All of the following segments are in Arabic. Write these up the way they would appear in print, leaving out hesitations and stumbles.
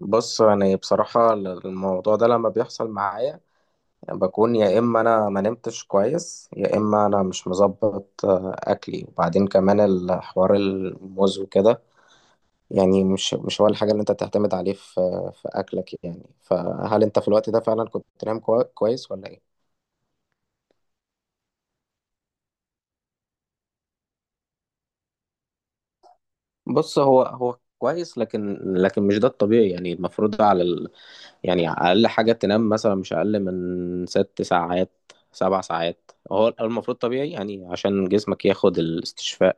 بص، يعني بصراحة الموضوع ده لما بيحصل معايا يعني بكون يا إما أنا ما نمتش كويس، يا إما أنا مش مظبط أكلي، وبعدين كمان الحوار الموز وكده. يعني مش هو الحاجة اللي أنت تعتمد عليه في أكلك. يعني فهل أنت في الوقت ده فعلا كنت نايم كويس ولا إيه؟ بص، هو كويس، لكن مش ده الطبيعي. يعني المفروض على يعني اقل حاجه تنام مثلا مش اقل من ست ساعات. سبع ساعات هو المفروض طبيعي، يعني عشان جسمك ياخد الاستشفاء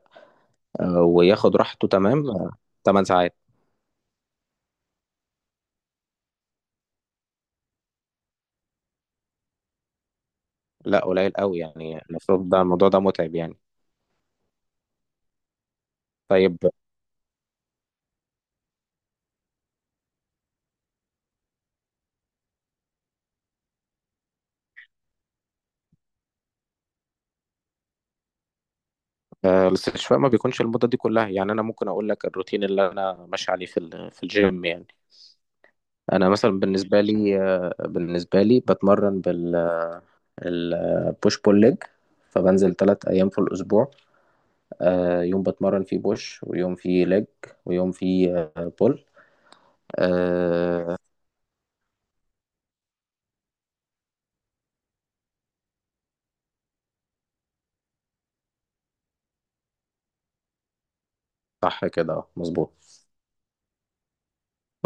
وياخد راحته. تمام. تمن ساعات. لا قليل قوي، يعني المفروض ده الموضوع ده متعب يعني. طيب، الاستشفاء ما بيكونش المدة دي كلها. يعني أنا ممكن أقول لك الروتين اللي أنا ماشي عليه في في الجيم يعني. أنا مثلا بالنسبة لي بتمرن بالبوش بول ليج، فبنزل ثلاث أيام في الأسبوع. يوم بتمرن فيه بوش، ويوم فيه ليج، ويوم فيه بول. آه، صح كده، مظبوط.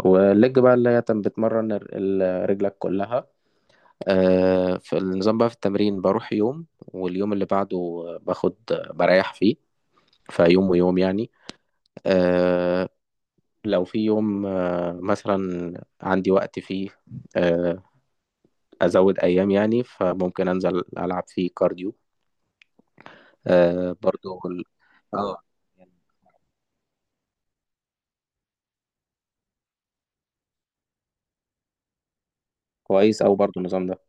والليج بقى اللي هي بتمرن رجلك كلها. في النظام بقى، في التمرين بروح يوم واليوم اللي بعده باخد، بريح فيه، فيوم ويوم يعني. آه، لو في يوم مثلا عندي وقت فيه آه، أزود أيام، يعني فممكن أنزل ألعب فيه كارديو برضو اه. كويس أوي برضو النظام ده.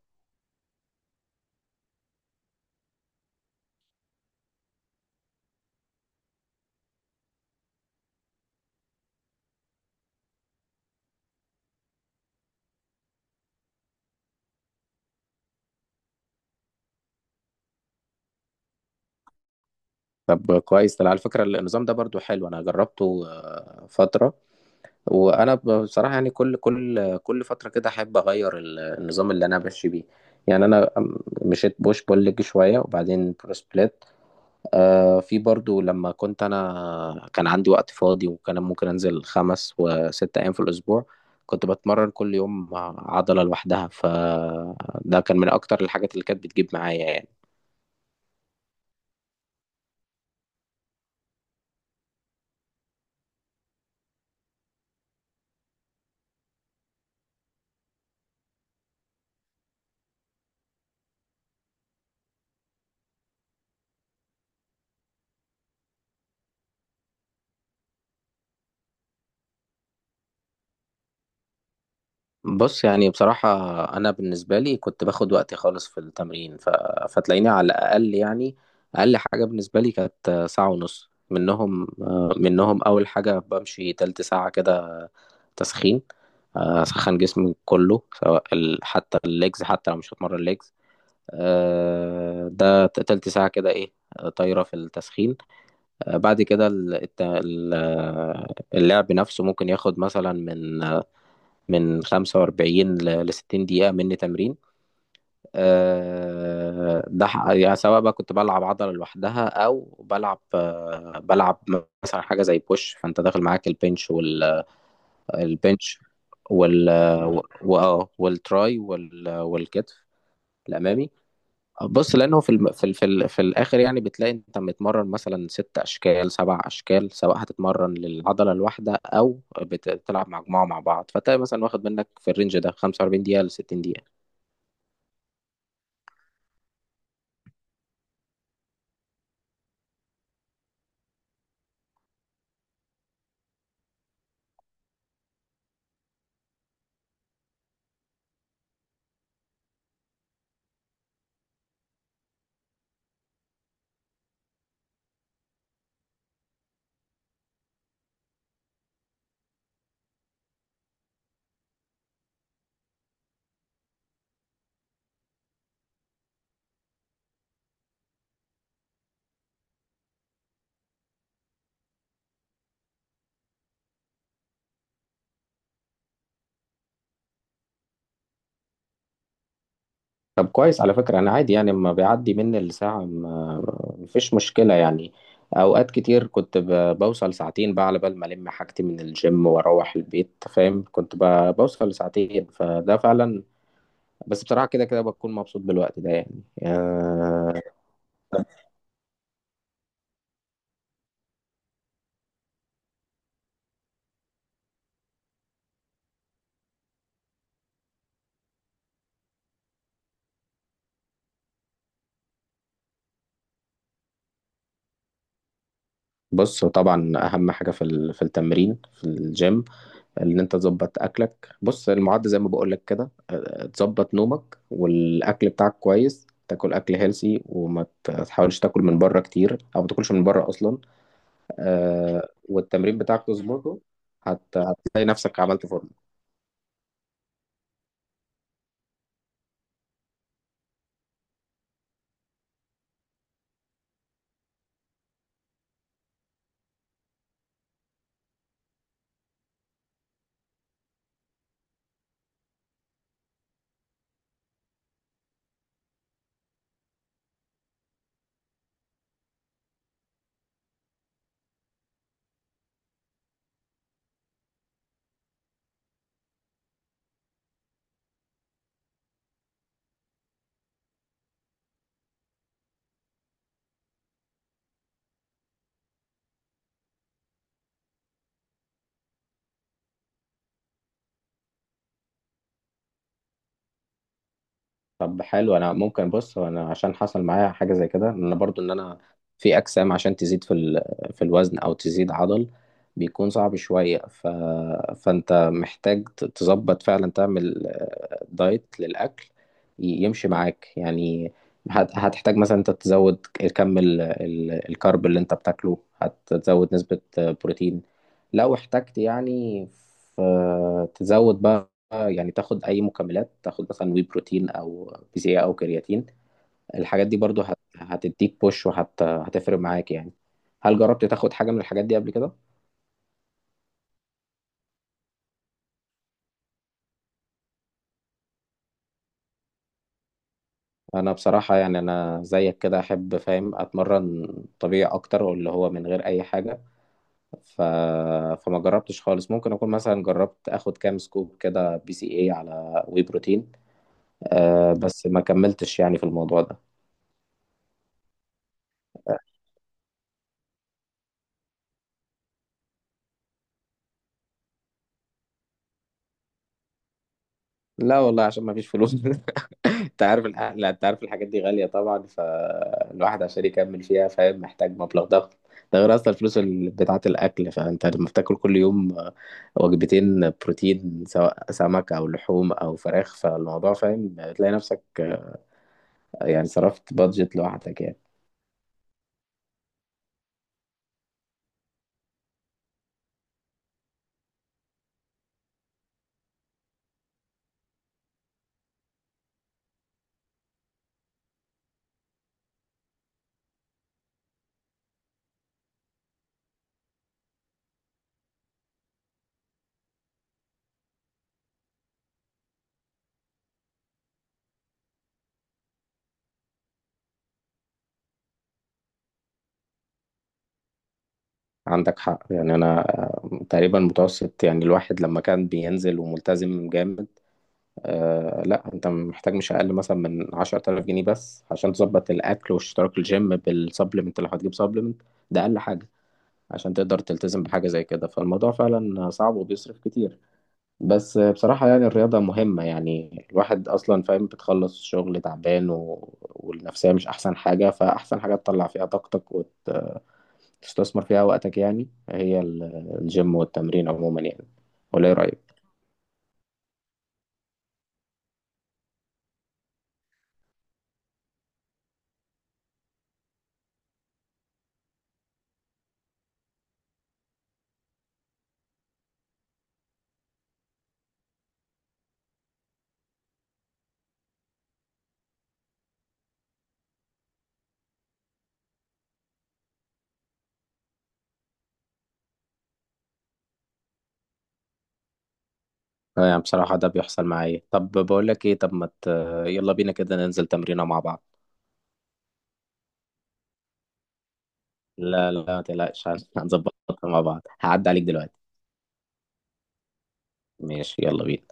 طب كويس، ده على فكرة النظام ده برضو حلو، أنا جربته فترة. وأنا بصراحة يعني كل فترة كده أحب أغير النظام اللي أنا ماشي بيه. يعني أنا مشيت بوش بول ليج شوية، وبعدين برو سبليت. آه، في برضو لما كنت أنا كان عندي وقت فاضي، وكان ممكن أنزل خمس وست أيام في الأسبوع كنت بتمرن كل يوم عضلة لوحدها، فده كان من أكتر الحاجات اللي كانت بتجيب معايا يعني. بص، يعني بصراحة أنا بالنسبة لي كنت باخد وقتي خالص في التمرين، فتلاقيني على الأقل يعني، أقل حاجة بالنسبة لي كانت ساعة ونص. منهم أول حاجة بمشي تلت ساعة كده تسخين. أسخن جسمي كله، حتى الليجز حتى لو مش هتمرن ليجز. ده تلت ساعة كده إيه، طايرة في التسخين. بعد كده اللعب نفسه ممكن ياخد مثلا من 45 ل 60 دقيقة مني تمرين. ده يعني سواء بقى كنت بلعب عضلة لوحدها أو بلعب مثلا حاجة زي بوش، فأنت داخل معاك البنش والبنش وال البنش وال- و- وآه، والتراي وال- والكتف الأمامي. بص، لانه في الم... في ال... في, ال... في الاخر يعني بتلاقي انت متمرن مثلا ست اشكال سبع اشكال، سواء هتتمرن للعضله الواحده او بتلعب مجموعه مع بعض. فتلاقي مثلا واخد منك في الرينج ده 45 دقيقه ل 60 دقيقه. طب كويس، على فكره انا عادي يعني لما بيعدي مني الساعه ما... مفيش مشكله يعني. اوقات كتير كنت بوصل ساعتين بقى على بال ما الم حاجتي من الجيم واروح البيت، فاهم؟ كنت بوصل لساعتين، فده فعلا. بس بصراحه كده كده بكون مبسوط بالوقت ده يعني. بص، هو طبعا اهم حاجه في في التمرين في الجيم ان انت تظبط اكلك. بص، المعد زي ما بقول لك كده، أه، تظبط نومك والاكل بتاعك كويس، تاكل اكل هيلسي، وما تحاولش تاكل من بره كتير، او ما تاكلش من بره اصلا. أه، والتمرين بتاعك تظبطه، هتلاقي نفسك عملت فورمه. طب حلو، انا ممكن بص، هو انا عشان حصل معايا حاجه زي كده، ان انا برضو ان انا في اجسام عشان تزيد في في الوزن او تزيد عضل بيكون صعب شويه. فانت محتاج تظبط فعلا، تعمل دايت للاكل يمشي معاك يعني. هتحتاج مثلا انت تزود كم الكارب اللي انت بتاكله، هتزود نسبه بروتين لو احتجت يعني. ف... تزود بقى يعني تاخد اي مكملات، تاخد مثلا وي بروتين او بي سي او كرياتين. الحاجات دي برضو هتديك بوش وهتفرق معاك يعني. هل جربت تاخد حاجة من الحاجات دي قبل كده؟ انا بصراحة يعني انا زيك كده احب، فاهم، اتمرن طبيعي اكتر واللي هو من غير اي حاجة، ف... فما جربتش خالص. ممكن اكون مثلا جربت اخد كام سكوب كده بي سي اي على وي بروتين، أه، بس ما كملتش يعني في الموضوع ده آه، لا والله عشان ما فيش فلوس انت عارف لا انت عارف الحاجات دي غالية طبعا، فالواحد عشان يكمل فيها، فاهم، محتاج مبلغ ضخم. ده غير اصلا الفلوس بتاعة الاكل. فانت لما بتاكل كل يوم وجبتين بروتين، سواء سمك او لحوم او فراخ، فالموضوع، فاهم، تلاقي نفسك، يعني صرفت بادجت لوحدك يعني. عندك حق، يعني انا تقريبا متوسط يعني الواحد لما كان بينزل وملتزم جامد، آه، لا انت محتاج مش اقل مثلا من 10000 جنيه بس عشان تظبط الاكل واشتراك الجيم بالسبلمنت لو هتجيب سبلمنت. ده اقل حاجه عشان تقدر تلتزم بحاجه زي كده. فالموضوع فعلا صعب وبيصرف كتير. بس، بصراحه يعني الرياضه مهمه، يعني الواحد اصلا، فاهم، بتخلص الشغل تعبان، والنفسيه مش احسن حاجه، فاحسن حاجه تطلع فيها طاقتك وتستثمر فيها وقتك يعني هي الجيم والتمرين عموما يعني. ولا ايه رايك؟ اه، يعني بصراحة ده بيحصل معايا. طب بقول لك ايه، طب ما ت... يلا بينا كده ننزل تمرينة مع بعض. لا لا، ما تقلقش، هنظبطها مع بعض. هعدي عليك دلوقتي. ماشي، يلا بينا.